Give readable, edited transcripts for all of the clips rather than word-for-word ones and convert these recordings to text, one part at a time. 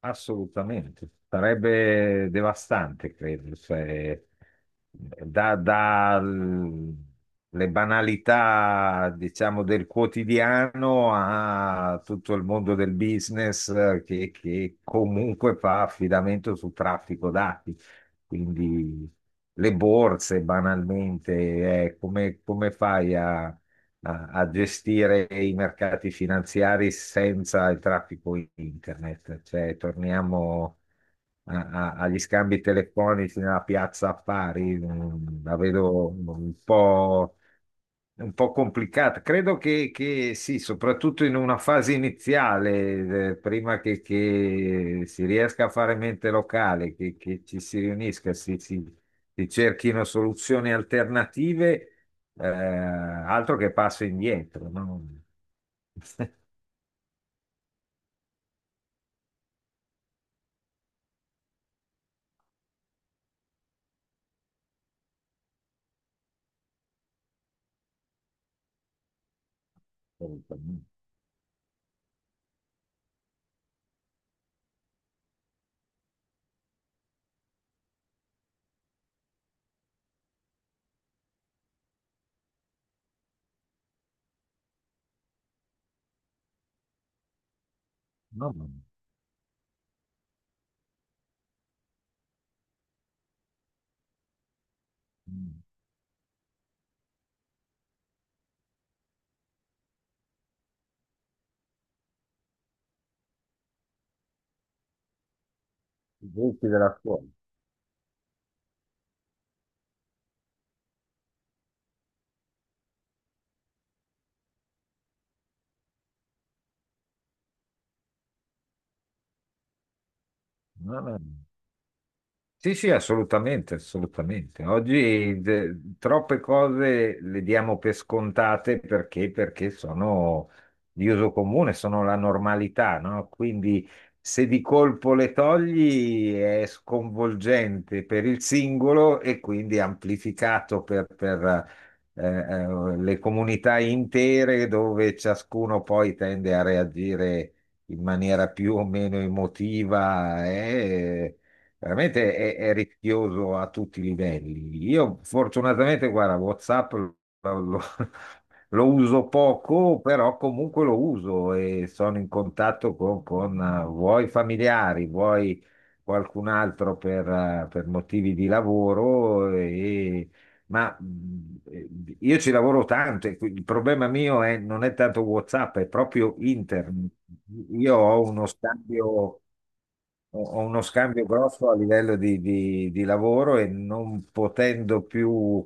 Assolutamente, sarebbe devastante, credo, se da, da l- le banalità, diciamo, del quotidiano a tutto il mondo del business che comunque fa affidamento su traffico dati. Quindi le borse, banalmente, come fai a gestire i mercati finanziari senza il traffico internet. Cioè, torniamo agli scambi telefonici nella piazza affari, la vedo un po'... È un po' complicata. Credo che sì, soprattutto in una fase iniziale, prima che si riesca a fare mente locale, che ci si riunisca, si cerchino soluzioni alternative, altro che passo indietro, no? No, no, no. I gruppi della scuola. No, no. Sì, sì, assolutamente, assolutamente. Oggi troppe cose le diamo per scontate perché sono di uso comune, sono la normalità, no? Quindi se di colpo le togli è sconvolgente per il singolo e quindi amplificato per le comunità intere dove ciascuno poi tende a reagire in maniera più o meno emotiva. Veramente è rischioso a tutti i livelli. Io fortunatamente, guarda, WhatsApp lo- lo uso poco, però comunque lo uso e sono in contatto con vuoi familiari, vuoi qualcun altro per motivi di lavoro. Ma mh, io ci lavoro tanto e il problema mio è, non è tanto WhatsApp, è proprio internet. Io ho uno scambio ho ho uno scambio grosso a livello di, di lavoro e non potendo più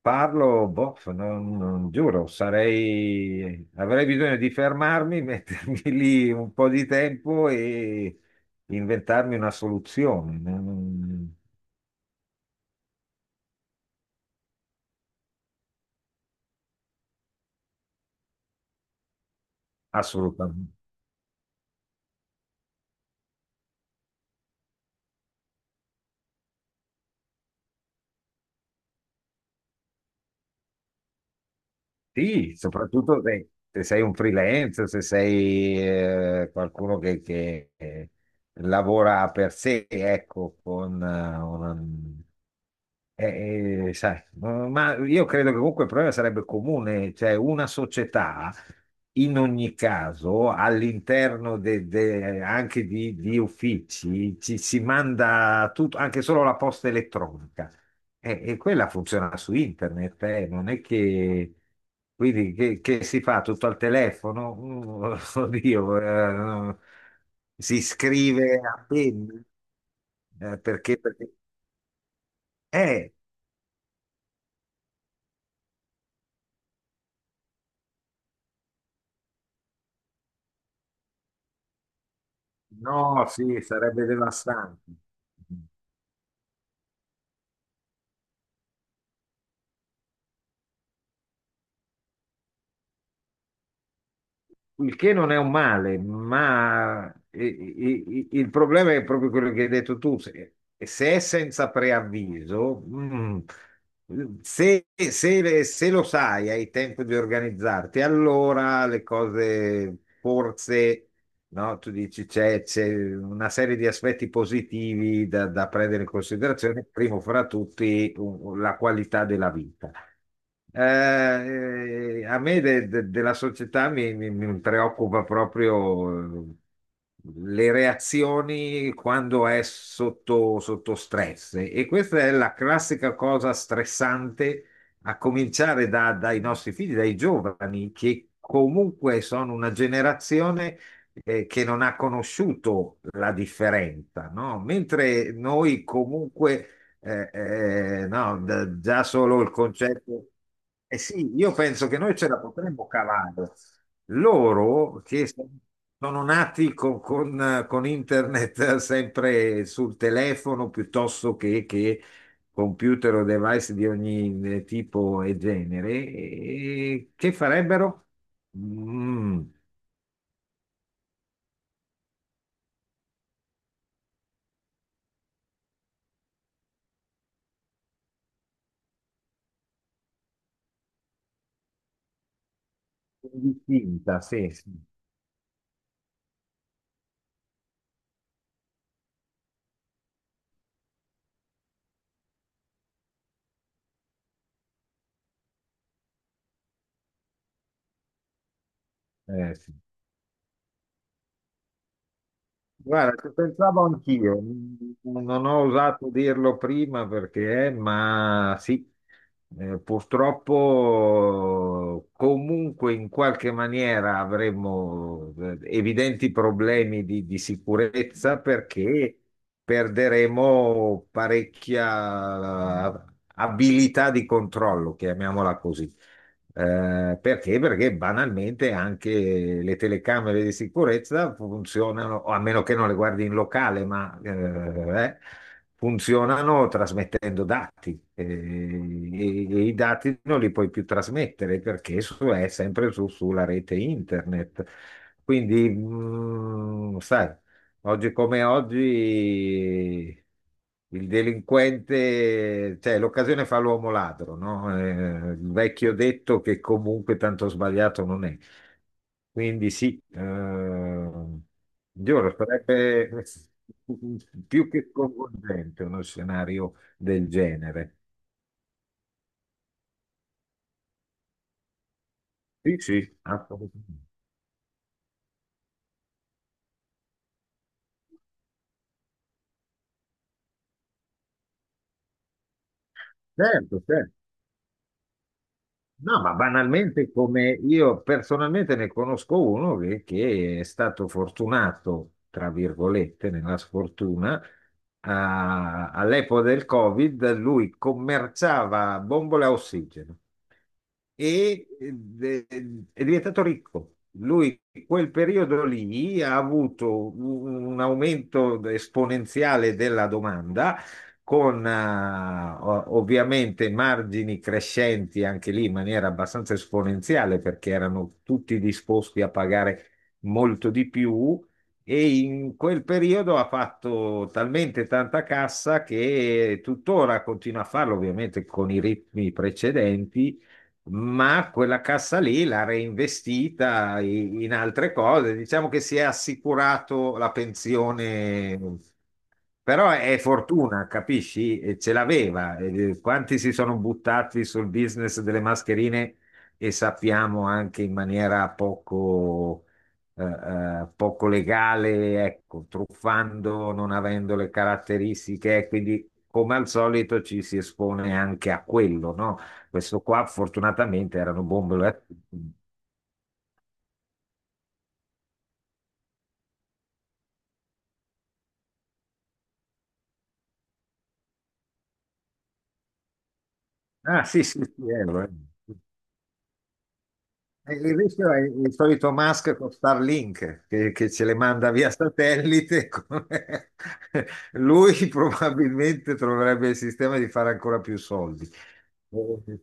farlo, boh, giuro, sarei, avrei bisogno di fermarmi, mettermi lì un po' di tempo e inventarmi una soluzione. Assolutamente. Sì, soprattutto se, se sei un freelance, se sei qualcuno che lavora per sé, ecco, con una... sai, ma io credo che comunque il problema sarebbe comune, cioè una società in ogni caso all'interno anche di uffici ci si manda tutto, anche solo la posta elettronica. E quella funziona su internet, non è che, quindi che si fa tutto al telefono. Oddio, no, si scrive a penna, perché, eh, no, sì, sarebbe devastante. Il che non è un male, ma il problema è proprio quello che hai detto tu. Se, se è senza preavviso, se lo sai, hai tempo di organizzarti, allora le cose forse, no? Tu dici c'è una serie di aspetti positivi da prendere in considerazione, primo fra tutti la qualità della vita. A me della società mi preoccupa proprio le reazioni quando è sotto stress e questa è la classica cosa stressante a cominciare dai nostri figli, dai giovani, che comunque sono una generazione che non ha conosciuto la differenza, no? Mentre noi comunque no, già solo il concetto. Eh sì, io penso che noi ce la potremmo cavare. Loro che so- Sono nati con internet sempre sul telefono piuttosto che computer o device di ogni tipo e genere, e che farebbero? Mm, distinta, sì, sì. Sì. Guarda, ci pensavo anch'io, non ho osato dirlo prima perché, ma sì, purtroppo comunque in qualche maniera avremo evidenti problemi di, sicurezza perché perderemo parecchia abilità di controllo, chiamiamola così. Perché? Perché banalmente anche le telecamere di sicurezza funzionano, o a meno che non le guardi in locale, ma funzionano trasmettendo dati. E i dati non li puoi più trasmettere perché è sempre sulla rete internet. Quindi, sai, oggi come oggi il delinquente, cioè l'occasione fa l'uomo ladro, no? Il vecchio detto che comunque tanto sbagliato non è. Quindi sì, giuro, sarebbe più che coinvolgente uno scenario del genere. Sì, sì, assolutamente. Certo, certo. No, ma banalmente come io personalmente ne conosco uno che è stato fortunato, tra virgolette, nella sfortuna, all'epoca del Covid, lui commerciava bombole a ossigeno e eh, è diventato ricco. Lui, in quel periodo lì, ha avuto un aumento esponenziale della domanda, con ovviamente margini crescenti anche lì in maniera abbastanza esponenziale, perché erano tutti disposti a pagare molto di più. E in quel periodo ha fatto talmente tanta cassa che tuttora continua a farlo, ovviamente con i ritmi precedenti, ma quella cassa lì l'ha reinvestita in altre cose. Diciamo che si è assicurato la pensione, però è fortuna, capisci? E ce l'aveva. Quanti si sono buttati sul business delle mascherine e sappiamo anche in maniera poco legale, ecco, truffando, non avendo le caratteristiche, quindi come al solito ci si espone anche a quello, no? Questo qua fortunatamente erano bombole. Ah, sì, sì, sì, euro, eh. E il rischio è il solito Musk con Starlink che ce le manda via satellite. Come... lui probabilmente troverebbe il sistema di fare ancora più soldi. Eh,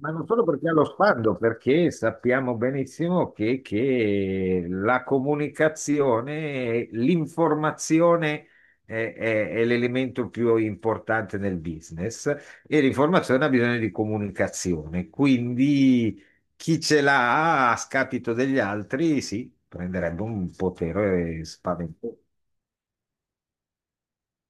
Ma non solo perché ha lo sguardo, perché sappiamo benissimo che la comunicazione, l'informazione è l'elemento più importante nel business e l'informazione ha bisogno di comunicazione. Quindi chi ce l'ha a scapito degli altri, sì, prenderebbe un potere spaventoso.